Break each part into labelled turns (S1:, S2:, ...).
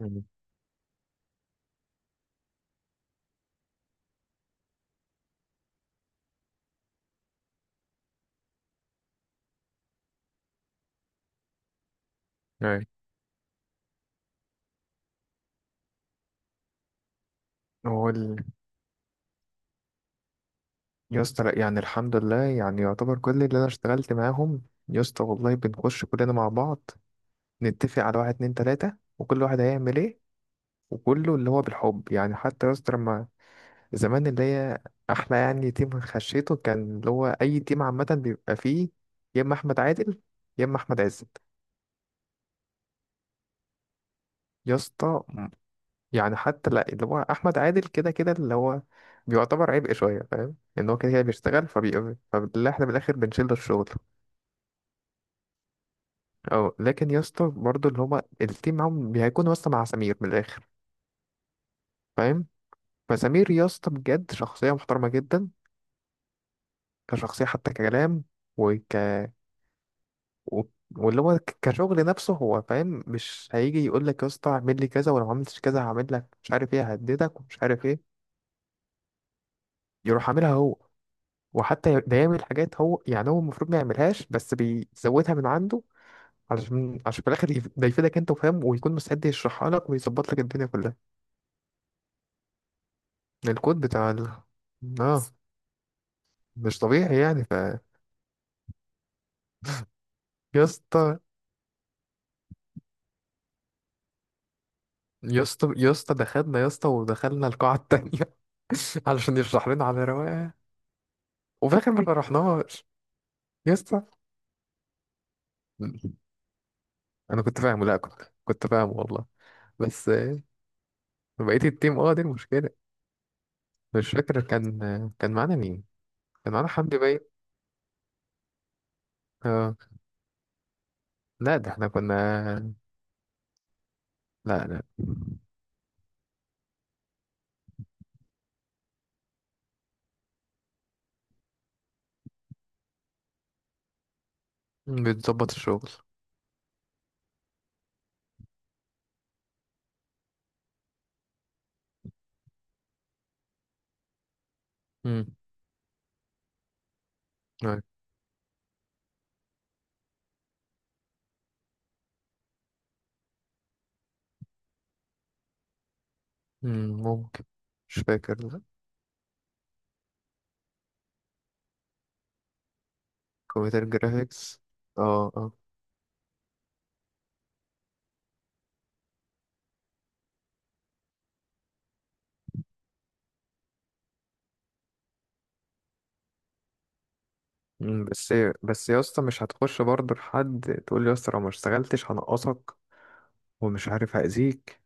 S1: مم. أي. هو ال... يا اسطى لأ، يعني الحمد لله، يعني يعتبر كل اللي انا اشتغلت معاهم. يا اسطى والله بنخش كلنا مع بعض، نتفق على واحد اتنين تلاتة، وكل واحد هيعمل ايه، وكله اللي هو بالحب. يعني حتى يا اسطى لما زمان، اللي هي احلى يعني تيم خشيته، كان اللي هو اي تيم عامة بيبقى فيه يا اما احمد عادل يا اما احمد عزت. يا اسطى يعني حتى لا، اللي هو احمد عادل كده كده، اللي هو بيعتبر عبء شويه، فاهم ان هو كده كده بيشتغل فبي فاللي احنا بالاخر بنشيل له الشغل. اه لكن يا اسطى برضه، اللي هما التيم معاهم هيكون يا اسطى مع سمير من الاخر، فاهم؟ فسمير يا اسطى بجد شخصيه محترمه جدا، كشخصيه، حتى ككلام، وك و... واللي هو كشغل نفسه، هو فاهم، مش هيجي يقول لك يا اسطى اعمل لي كذا، ولو ما عملتش كذا هعمل لك مش عارف ايه، ههددك ومش عارف ايه. يروح عاملها هو، وحتى بيعمل حاجات هو يعني هو المفروض ما يعملهاش، بس بيزودها من عنده، علشان في الاخر ده يفيدك انت، وفاهم، ويكون مستعد يشرحها لك ويظبط لك الدنيا كلها. الكود بتاع ال... اه، مش طبيعي يعني. يا اسطى دخلنا يا اسطى، ودخلنا القاعة التانية علشان يشرح لنا على رواقه. وفي الاخر ما شرحناهاش يا اسطى. انا كنت فاهمه، لا كنت فاهمه والله. بس بقيت التيم اه دي المشكلة. مش فاكر كان معانا مين؟ كان معانا حمدي باين. اه. لا ده احنا كنا. لا، لا. بتظبط الشغل. امم. أيوة. أمم، ممكن. مش فاكر، لا. كمبيوتر جرافيكس، اه اه. أمم، بس. بس يا اسطى مش هتخش برضه لحد تقول لي يا اسطى لو ما اشتغلتش هنقصك ومش عارف هأذيك،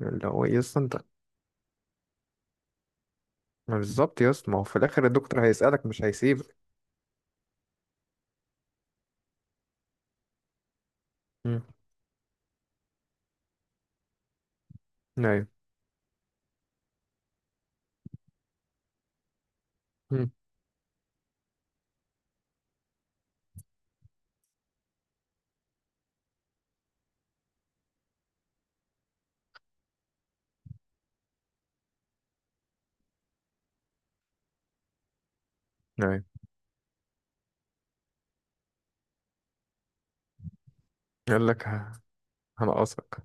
S1: اللي هو إيه يا اسطى انت. ما بالظبط يا اسطى، ما هو في الاخر الدكتور هيسألك، مش هيسيبك. امم. ايوه. امم. ايوه. يقول لك هنقصك.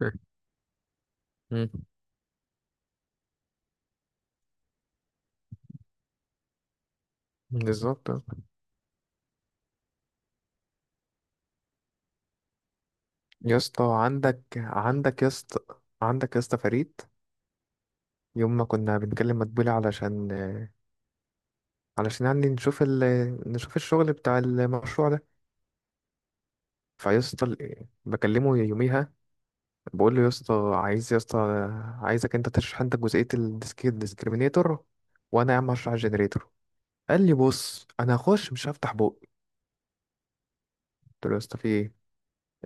S1: أمم، بالظبط. يا اسطى عندك يا اسطى، عندك يا اسطى فريد، يوم ما كنا بنكلم مدبولي علشان، يعني نشوف نشوف الشغل بتاع المشروع ده. فيا اسطى بكلمه يوميها، بقول له يا اسطى عايز يا اسطى، عايزك انت تشرح انت جزئية الديسكريمينيتور، وانا يا عم هشرح الجنريتور. قال لي بص انا هخش مش هفتح بوق. قلت له يا اسطى في ايه؟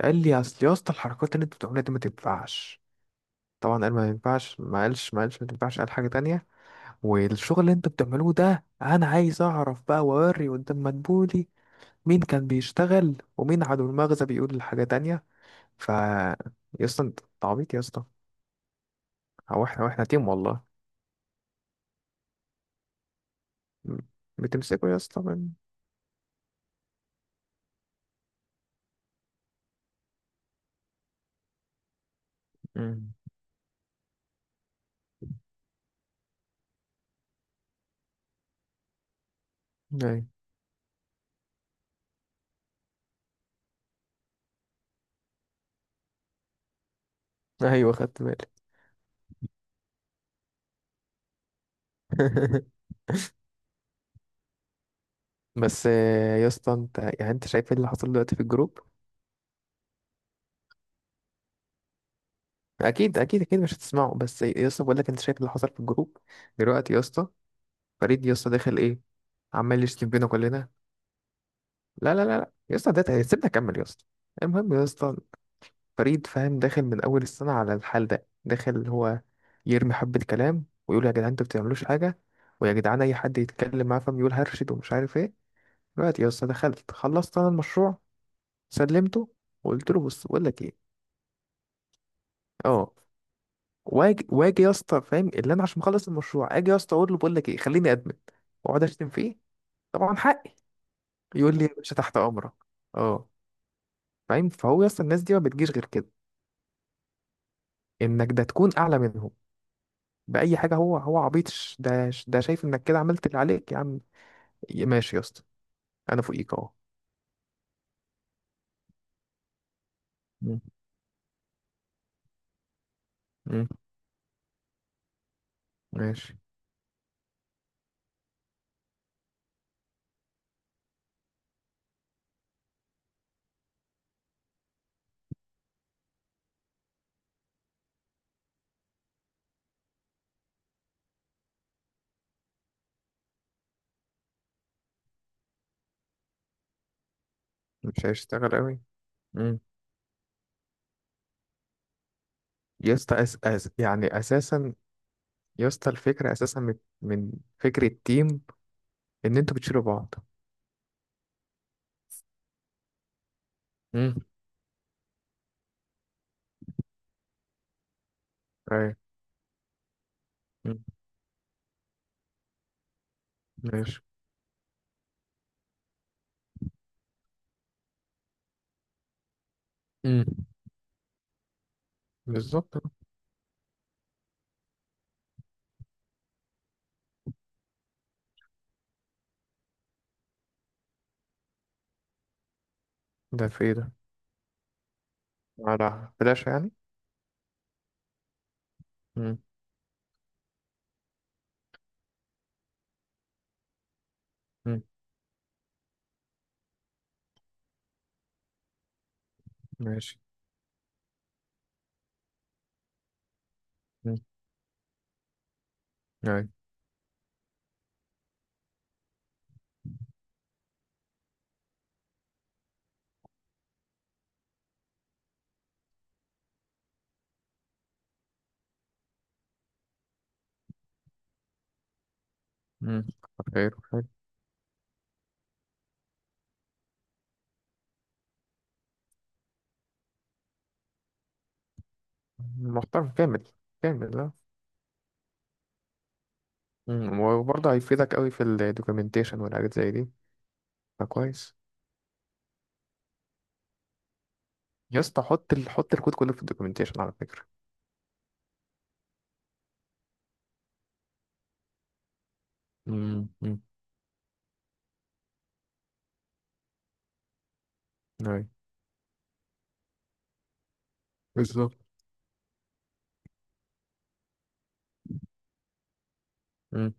S1: قال لي اصل يا اسطى الحركات اللي انت بتعملها دي ما تنفعش. طبعا قال ما ينفعش، ما قالش ما تنفعش، قال حاجة تانية. والشغل اللي انت بتعملوه ده انا عايز اعرف بقى واوري قدام مدبولي مين كان بيشتغل، ومين عدو المغزى بيقول الحاجة تانية. ف يا اسطى انت عبيط يا اسطى، هو احنا تيم والله. م- بتمسكه يا اسطى من... مم. ايوه، ايوه، خدت بالي. بس يا اسطى انت يعني، انت شايف ايه اللي حصل دلوقتي في الجروب؟ اكيد، اكيد، اكيد مش هتسمعه، بس يا اسطى بقول لك، انت شايف اللي حصل في الجروب دلوقتي يا اسطى؟ فريد يا اسطى داخل ايه، عمال يشتم فينا كلنا. لا، لا، لا، لا يا اسطى، ده سيبنا اكمل يا اسطى. المهم يا اسطى، فريد فاهم داخل من اول السنه على الحال ده، داخل هو يرمي حبه كلام ويقول يا جدعان انتوا بتعملوش حاجه، ويا جدعان اي حد يتكلم معاه فاهم يقول هرشد ومش عارف ايه. دلوقتي يا اسطى دخلت، خلصت انا المشروع، سلمته، وقلت له بص بقول لك ايه. اه. واجي يا اسطى، فاهم؟ اللي انا عشان مخلص المشروع، اجي يا اسطى اقول له بقول لك ايه، خليني ادمن واقعد اشتم فيه، طبعا حقي. يقول لي يا باشا تحت امرك. اه، فاهم؟ فهو يا اسطى الناس دي ما بتجيش غير كده، انك ده تكون اعلى منهم باي حاجه. هو عبيط، ده ده شايف انك كده عملت اللي عليك يا عم. ماشي يا اسطى، انا فوقيك اهو. مم. مم. ماشي. مش هيشتغل قوي. مم. يا اسطى يعني اساسا، يا اسطى الفكره اساسا من، من فكره تيم ان انتوا بتشيلوا بعض. مم. ايوه. مم. ماشي. مم. بالظبط. ده في ايه ده؟ على فلاش يعني؟ مم. مم. ماشي. مم. ايوه. مم. خير خير. محترم كامل، كامل. مم، وبرضه هيفيدك قوي في الدوكيومنتيشن والحاجات زي دي. فكويس. يا اسطى حط ال... حط الكود كله في الدوكيومنتيشن على فكرة. امم. ايوه. بالظبط. امم.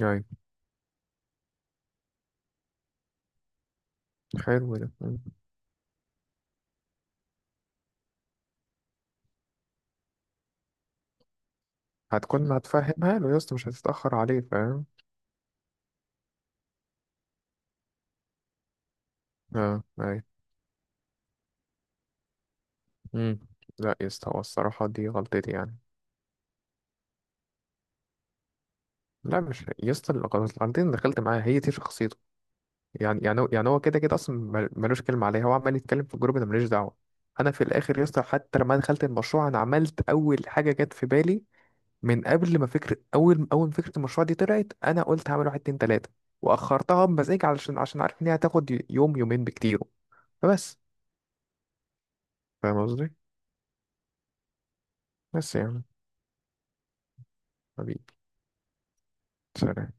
S1: ايوه. حلو ده، مم. هتكون هتفهمها له يا اسطى، مش هتتأخر عليه، فاهم. اه، ايوه. امم. لا يا اسطى، هو الصراحة دي غلطتي يعني. لا، مش يا اسطى، الغلطتين اللي دخلت معاها، هي دي شخصيته يعني. يعني يعني هو كده كده اصلا، ملوش كلمه عليها، هو عمال يتكلم في الجروب، انا ماليش دعوه. انا في الاخر يا اسطى، حتى لما دخلت المشروع، انا عملت اول حاجه جت في بالي من قبل ما فكره، اول ما فكره المشروع دي طلعت، انا قلت هعمل واحد اتنين تلاته واخرتها بمزاج، علشان عارف ان هي هتاخد يوم يومين بكتير، فبس. فاهم قصدي؟ بس يعني، حبيبي، سلام.